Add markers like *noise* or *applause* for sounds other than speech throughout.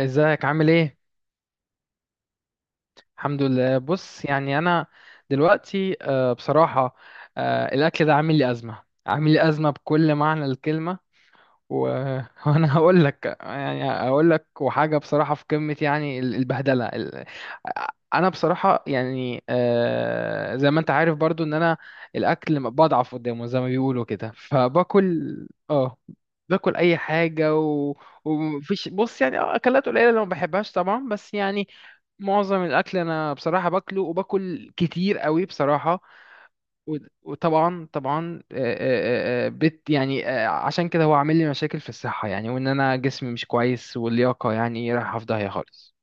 ازيك عامل ايه؟ الحمد لله. بص، يعني انا دلوقتي، بصراحة، الاكل ده عامل لي ازمة، عامل لي ازمة بكل معنى الكلمة. و... *laughs* وانا هقول لك وحاجه بصراحه في قمه، يعني البهدله انا بصراحه يعني، زي ما انت عارف برضو ان انا الاكل بضعف قدامه زي ما بيقولوا كده، فباكل اه باكل اي حاجه. ومفيش، بص يعني، اكلات قليله اللي ما بحبهاش طبعا، بس يعني معظم الاكل انا بصراحه باكله، وباكل كتير قوي بصراحه. و- وطبعا طبعا، آه، آه، آه، بت يعني آه، عشان كده هو عامل لي مشاكل في الصحة، يعني وان انا جسمي مش كويس واللياقة يعني رايحة في داهية خالص.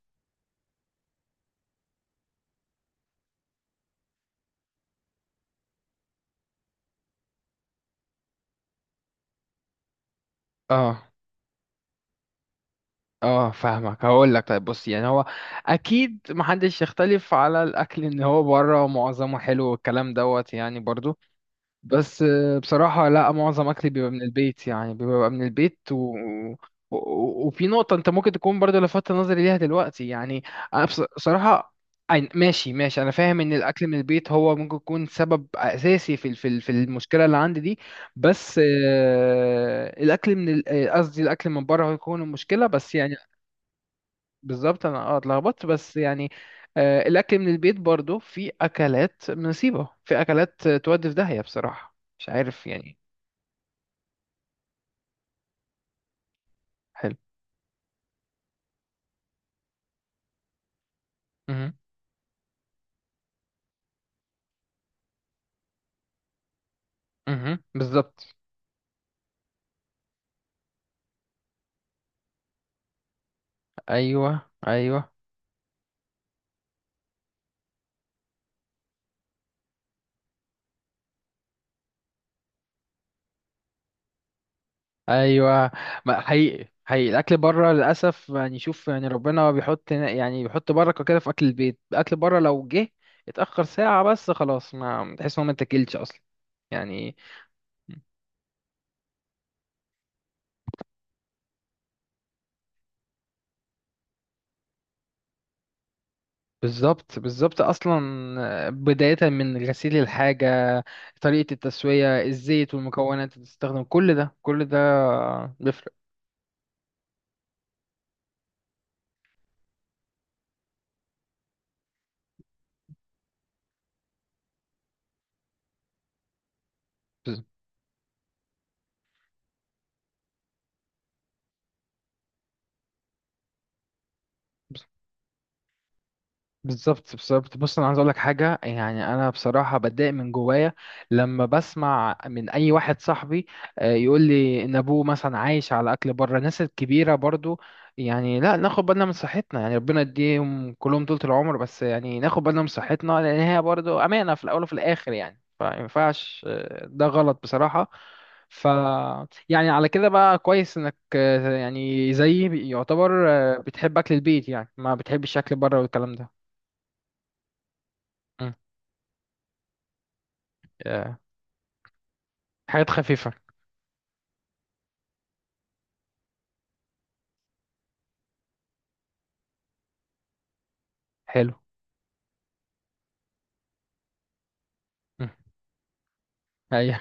اه اه، فاهمك. هقول لك، طيب، بص يعني هو اكيد محدش يختلف على الاكل، ان هو بره معظمه حلو والكلام دوت، يعني برضو، بس بصراحة، لا، معظم أكلي بيبقى من البيت، يعني بيبقى من البيت. وفي نقطة أنت ممكن تكون برضو لفتت نظري ليها دلوقتي، يعني أنا، بصراحة، ماشي ماشي، أنا فاهم إن الأكل من البيت هو ممكن يكون سبب أساسي في المشكلة اللي عندي دي، بس الأكل من قصدي، الأكل من بره، هو يكون المشكلة، بس يعني. بالظبط، انا اتلخبطت بس يعني. الاكل من البيت برضو في اكلات نصيبة، في اكلات تودي في داهية بصراحة، مش عارف يعني. حلو. امم. امم، بالظبط. ايوه ايوه ايوه. ما حقيقي حقيقي، الاكل بره للاسف يعني، شوف يعني، ربنا بيحط بركة كده في اكل البيت. الاكل بره لو جه اتاخر ساعة بس، خلاص، ما تحس ان هو ما اتاكلش اصلا، يعني. بالظبط بالظبط اصلا، بداية من غسيل الحاجة، طريقة التسوية، الزيت والمكونات اللي تستخدم، كل ده كل ده بيفرق. بالظبط بالظبط. بص، انا عايز اقول لك حاجه. يعني انا بصراحه بتضايق من جوايا لما بسمع من اي واحد صاحبي، يقول لي ان ابوه مثلا عايش على اكل بره. الناس الكبيره برضو، يعني لا، ناخد بالنا من صحتنا، يعني ربنا يديهم كلهم طول العمر، بس يعني ناخد بالنا من صحتنا، لان هي برضو امانه في الاول وفي الاخر يعني. فما ينفعش، ده غلط بصراحه. ف يعني على كده بقى، كويس انك، يعني زيي، يعتبر، بتحب اكل البيت، يعني ما بتحبش اكل بره والكلام ده. مم. آه، حاجات خفيفة. حلو. مم. أيوة.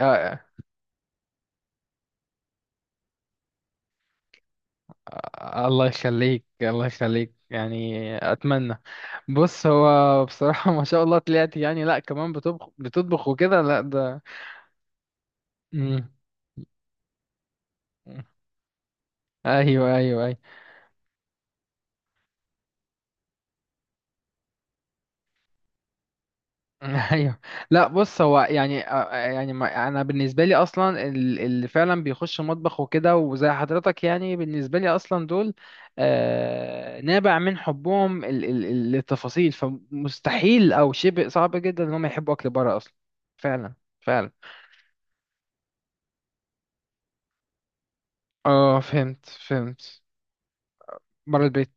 آه، آه، الله يخليك الله يخليك، يعني أتمنى. بص، هو بصراحة *laughs* ما شاء الله طلعت، يعني لأ كمان بتطبخ بتطبخ وكده، لأ ده. مم. أيوة أيوة أيوة. *laughs* ايوه. لا، بص هو يعني، يعني، انا بالنسبه لي اصلا، اللي فعلا بيخش مطبخ وكده وزي حضرتك، يعني بالنسبه لي اصلا دول نابع من حبهم للتفاصيل، فمستحيل او شبه صعب جدا ان هم يحبوا اكل بره اصلا. فعلا فعلا. اه، فهمت فهمت. بره البيت.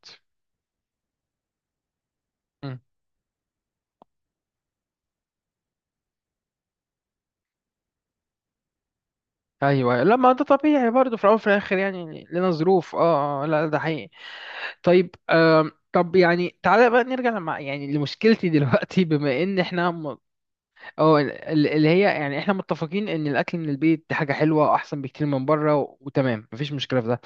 مم. ايوه أيوه. لا، ما ده طبيعي برضه في الاول وفي الاخر، يعني لنا ظروف، لا ده حقيقي. طيب، طب يعني تعالى بقى نرجع لما يعني لمشكلتي دلوقتي. *laughs* بما ان احنا اه، اللي هي يعني احنا متفقين ان الاكل من البيت دي حاجه حلوه واحسن بكتير من بره، وتمام، مفيش مشكله في ده.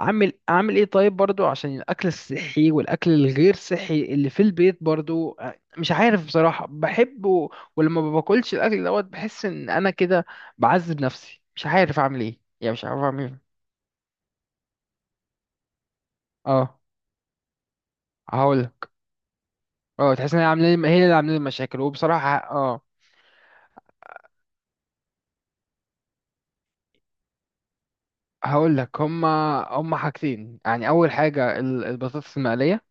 اعمل ايه طيب؟ برضو عشان الاكل الصحي والاكل الغير صحي اللي في البيت، برضو مش عارف بصراحه بحبه، ولما ما باكلش الاكل دوت بحس ان انا كده بعذب نفسي. مش عارف اعمل ايه، يعني مش عارف اعمل ايه. اه. هقول اه تحس ان هي اللي عامله لي مشاكل. وبصراحه، هقول لك، هما حاجتين. يعني اول حاجه، البطاطس المقليه.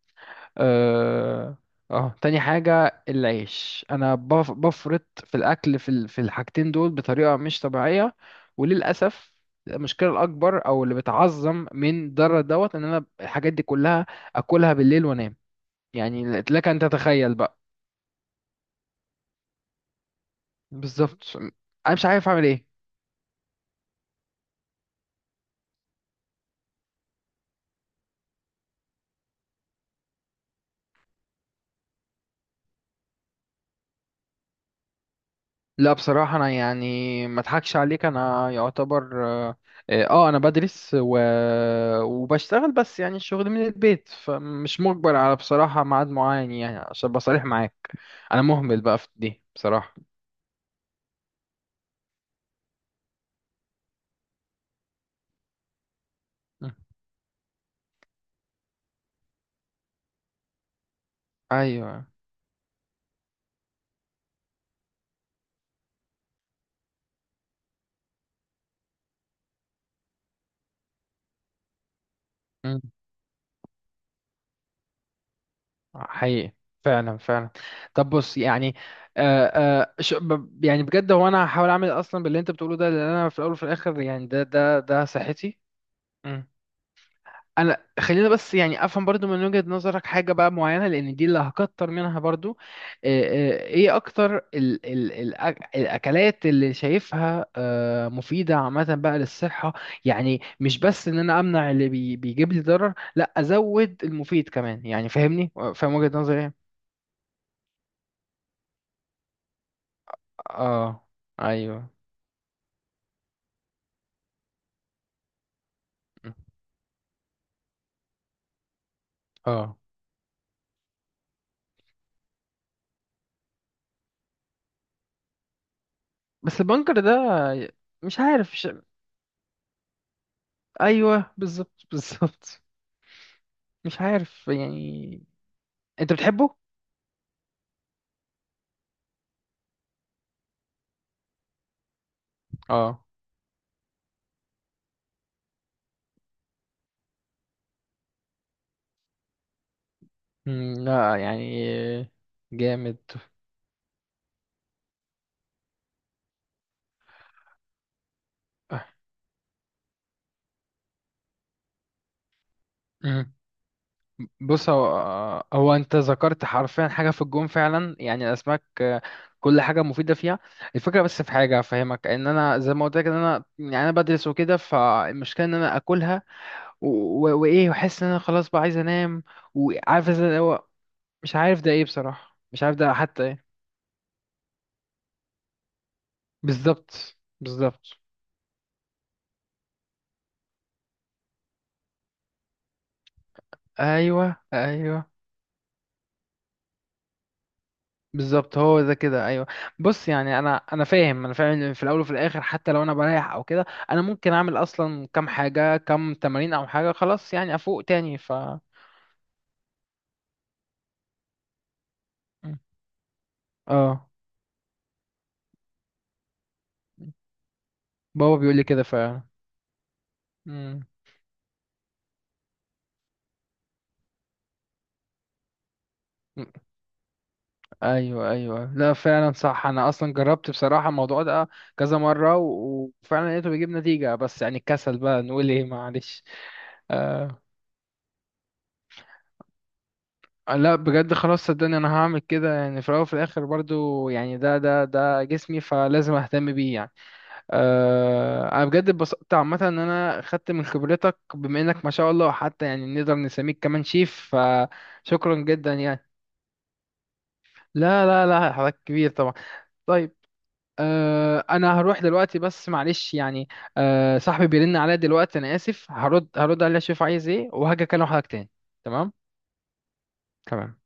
اه. اه، تاني حاجه العيش. انا بفرط في الاكل، في الحاجتين دول بطريقه مش طبيعيه. وللاسف، المشكله الاكبر، او اللي بتعظم من ضرر دوت، ان انا الحاجات دي كلها اكلها بالليل وانام. يعني لك ان تتخيل بقى. بالظبط. انا مش عارف اعمل ايه. لا بصراحة أنا، يعني ما أضحكش عليك، أنا يعتبر، أنا بدرس وبشتغل. بس يعني الشغل من البيت، فمش مجبر على بصراحة ميعاد معين، يعني عشان أبقى صريح معاك، أنا مهمل بقى في دي بصراحة. م. أيوه. م. حقيقي. فعلا فعلا. طب بص يعني، آه يعني بجد، هو أنا هحاول أعمل أصلا باللي أنت بتقوله ده، لأن أنا في الأول وفي الآخر يعني ده صحتي. انا خلينا بس، يعني افهم برضو من وجهة نظرك حاجة بقى معينة، لان دي اللي هكتر منها برضو، ايه اكتر ال ال ال الاكلات اللي شايفها مفيدة عامة بقى للصحة؟ يعني مش بس ان انا امنع اللي بيجيب لي ضرر، لا، ازود المفيد كمان، يعني فاهمني، فاهم وجهة نظري ايه. اه. ايوه. اه. بس البنكر ده، مش عارف مش... ايوه بالظبط بالظبط. مش عارف يعني. انت بتحبه؟ اه. مم، لا يعني. جامد. مم. بص، هو انت ذكرت حرفيا حاجه في الجون، فعلا يعني الاسماك، كل حاجه مفيده فيها. الفكره بس، في حاجه افهمك، ان انا زي ما قلت لك، ان انا بدرس وكده، فالمشكله ان انا اكلها، و- وايه، واحس ان انا خلاص بقى عايز انام، وعارف إزاي اللي هو، مش عارف ده ايه بصراحه، مش عارف ده حتى ايه. بالظبط بالظبط. ايوه ايوه. بالظبط، هو ده كده، ايوه. بص يعني، انا فاهم ان في الاول وفي الاخر، حتى لو انا بريح او كده، انا ممكن اعمل اصلا كام حاجه، كام تمارين او حاجه، خلاص يعني افوق تاني. مم. اه، بابا بيقول لي كده فعلا. مم. ايوه ايوه. لا فعلا صح، انا اصلا جربت بصراحه الموضوع ده كذا مره، وفعلا لقيته بيجيب نتيجه، بس يعني الكسل بقى، نقول ايه؟ معلش. آه. لا بجد خلاص، صدقني انا هعمل كده. يعني في الاول وفي الاخر برضو يعني ده جسمي، فلازم اهتم بيه يعني. انا بجد اتبسطت عامه ان انا خدت من خبرتك، بما انك ما شاء الله حتى يعني نقدر نسميك كمان شيف. فشكرا جدا يعني. لا لا لا، حضرتك كبير طبعا. طيب. انا هروح دلوقتي بس، معلش يعني. صاحبي بيرن عليا دلوقتي، انا اسف، هرد هرد عليه اشوف عايز ايه، وهاجي اكلم حضرتك تاني. تمام تمام.